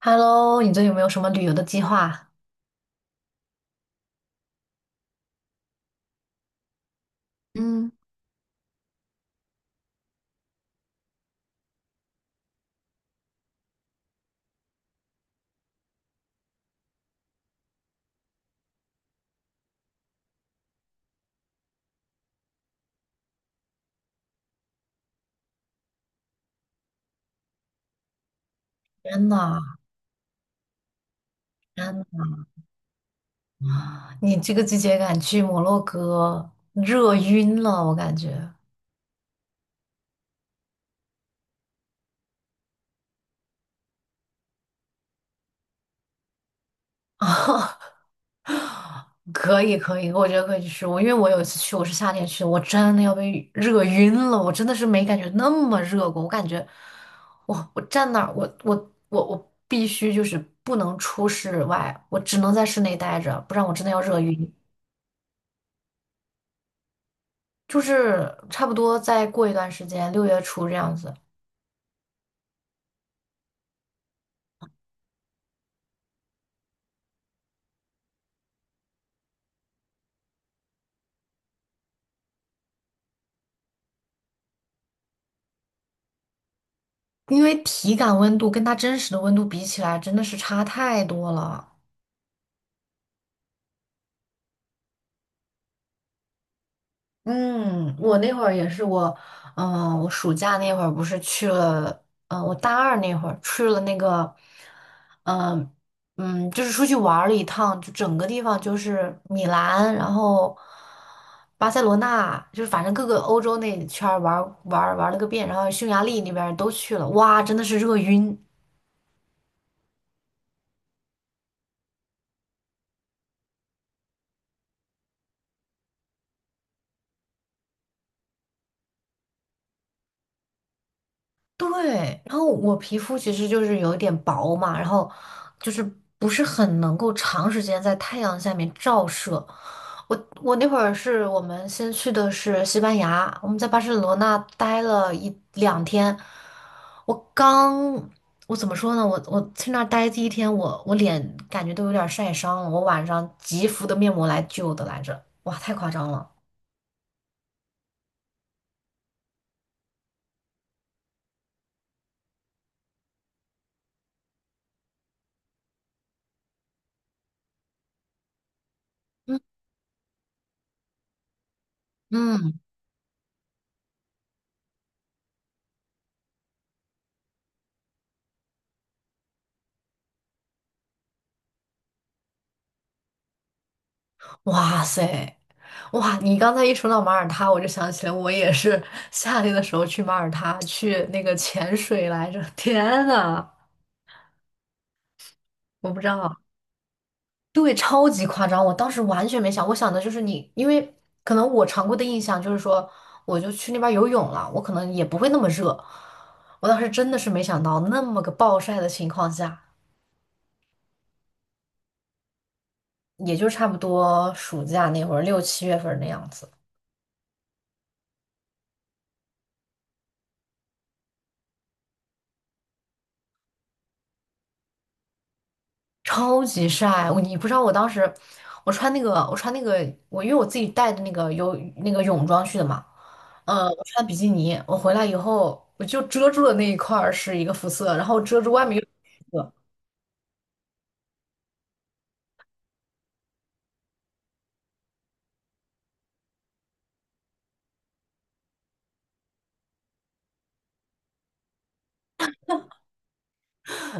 Hello，你最近有没有什么旅游的计划？嗯。天呐，天呐，你这个季节敢去摩洛哥，热晕了，我感觉。啊，可以可以，我觉得可以去。因为我有一次去，我是夏天去的，我真的要被热晕了。我真的是没感觉那么热过。我感觉我站那儿，我必须就是不能出室外，我只能在室内待着，不然我真的要热晕。就是差不多再过一段时间，6月初这样子。因为体感温度跟它真实的温度比起来，真的是差太多了。嗯，我那会儿也是我，我暑假那会儿不是去了，我大二那会儿去了那个，嗯、就是出去玩儿了一趟，就整个地方就是米兰，然后巴塞罗那，就是反正各个欧洲那圈儿玩儿玩儿玩儿了个遍，然后匈牙利那边儿都去了，哇，真的是热晕。对，然后我皮肤其实就是有一点薄嘛，然后就是不是很能够长时间在太阳下面照射。我那会儿是我们先去的是西班牙，我们在巴塞罗那待了一两天。我刚，我怎么说呢？我去那儿待第一天，我脸感觉都有点晒伤了，我晚上急敷的面膜来救的来着。哇，太夸张了。嗯嗯。哇塞，哇！你刚才一说到马耳他，我就想起来，我也是夏天的时候去马耳他去那个潜水来着。天呐，我不知道。对，超级夸张，我当时完全没想，我想的就是你，因为可能我常规的印象就是说，我就去那边游泳了，我可能也不会那么热。我当时真的是没想到，那么个暴晒的情况下，也就差不多暑假那会儿六七月份那样子。超级晒，我你不知道我当时，我穿那个我因为我自己带的那个游那个泳装去的嘛，我穿比基尼，我回来以后我就遮住了那一块儿是一个肤色，然后遮住外面又是一个肤色。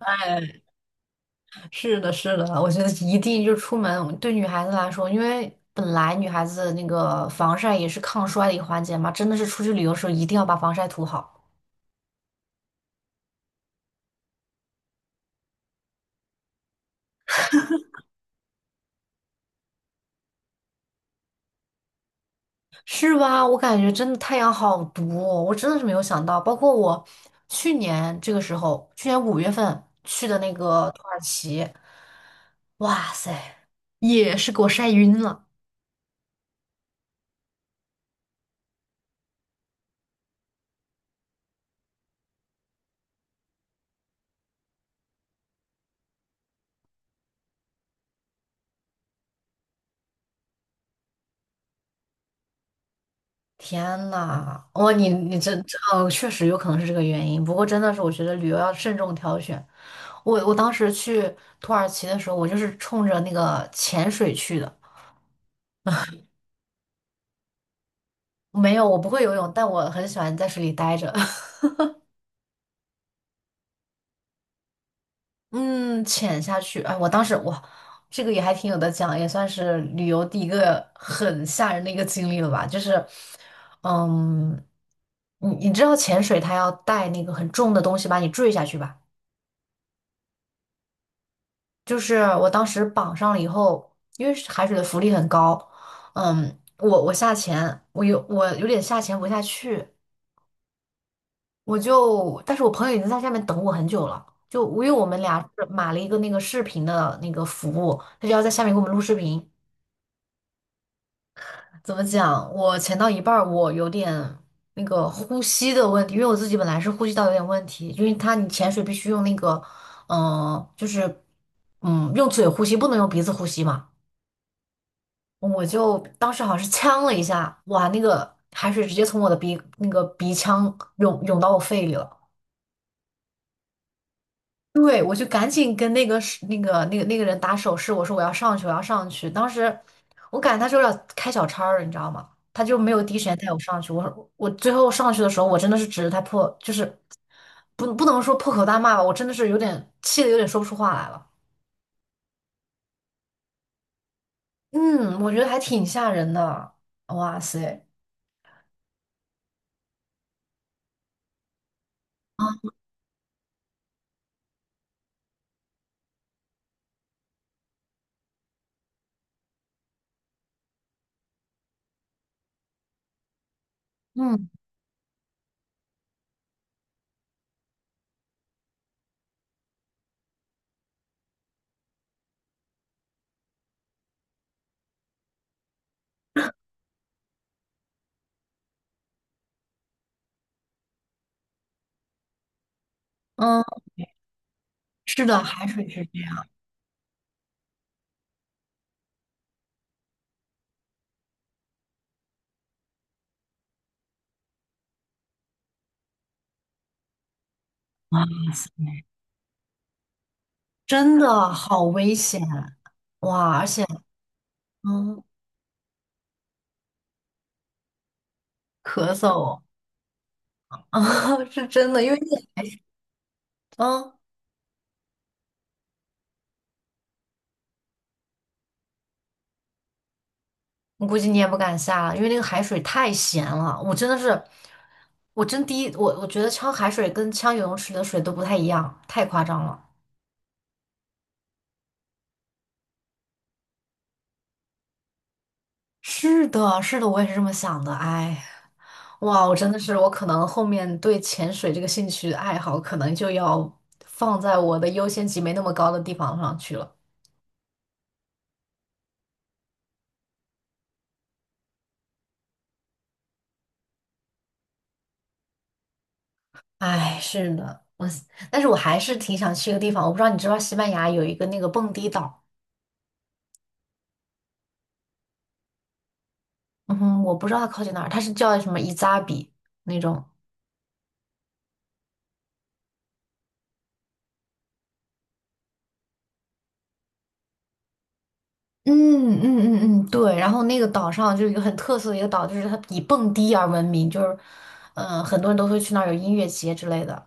哎，是的，是的，我觉得一定就出门对女孩子来说，因为本来女孩子那个防晒也是抗衰的一个环节嘛，真的是出去旅游的时候一定要把防晒涂好。是吧？我感觉真的太阳好毒哦，我真的是没有想到。包括我去年这个时候，去年5月份去的那个土耳其，哇塞，也是给我晒晕了。天呐，哇，你你这这哦，确实有可能是这个原因。不过真的是，我觉得旅游要慎重挑选。我当时去土耳其的时候，我就是冲着那个潜水去的。没有，我不会游泳，但我很喜欢在水里待着。嗯，潜下去，哎，我当时哇，这个也还挺有的讲，也算是旅游第一个很吓人的一个经历了吧。就是。嗯，你知道潜水它要带那个很重的东西把你坠下去吧？就是我当时绑上了以后，因为是海水的浮力很高，嗯，我下潜，我有点下潜不下去，但是我朋友已经在下面等我很久了。就因为我们俩是买了一个那个视频的那个服务，他就要在下面给我们录视频。怎么讲？我潜到一半儿，我有点那个呼吸的问题，因为我自己本来是呼吸道有点问题，因为它你潜水必须用那个，就是用嘴呼吸，不能用鼻子呼吸嘛。我就当时好像是呛了一下，哇，那个海水直接从我的鼻那个鼻腔涌到我肺里了。对，我就赶紧跟那个人打手势，我说我要上去，我要上去。当时我感觉他就有点开小差儿，你知道吗？他就没有第一时间带我上去。我最后上去的时候，我真的是指着他破，就是不能说破口大骂吧，我真的是有点气的，有点说不出话来了。嗯，我觉得还挺吓人的。哇塞，嗯嗯，是的，海水是这样。哇塞，真的好危险。哇，而且嗯，咳嗽。啊，是真的，因为嗯，我估计你也不敢下了，因为那个海水太咸了。我真的是，我真第一，我觉得呛海水跟呛游泳池的水都不太一样，太夸张了。是的，是的，我也是这么想的。哎，哇，我真的是，我可能后面对潜水这个兴趣爱好，可能就要放在我的优先级没那么高的地方上去了。哎，是的，但是我还是挺想去一个地方，我不知道你知不知道西班牙有一个那个蹦迪岛。嗯，我不知道它靠近哪儿，它是叫什么伊扎比那种。嗯嗯嗯嗯，对，然后那个岛上就是有一个很特色的一个岛，就是它以蹦迪而闻名，就是。很多人都会去那儿有音乐节之类的。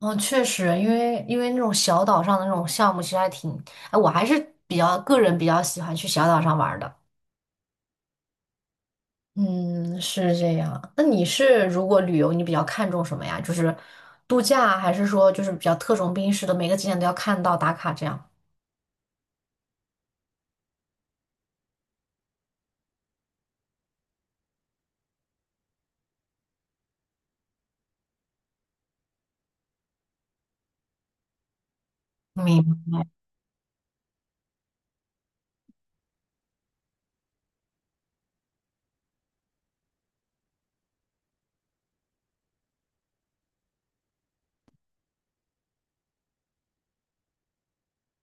嗯，确实，因为那种小岛上的那种项目其实还挺，哎，我还是比较个人比较喜欢去小岛上玩儿的。嗯，是这样。那你是如果旅游，你比较看重什么呀？就是度假，还是说就是比较特种兵式的，每个景点都要看到打卡这样？明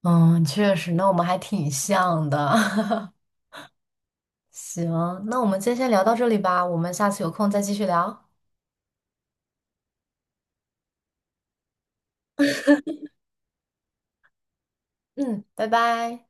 嗯，确实，那我们还挺像的。行，那我们今天先聊到这里吧，我们下次有空再继续聊。嗯，拜拜。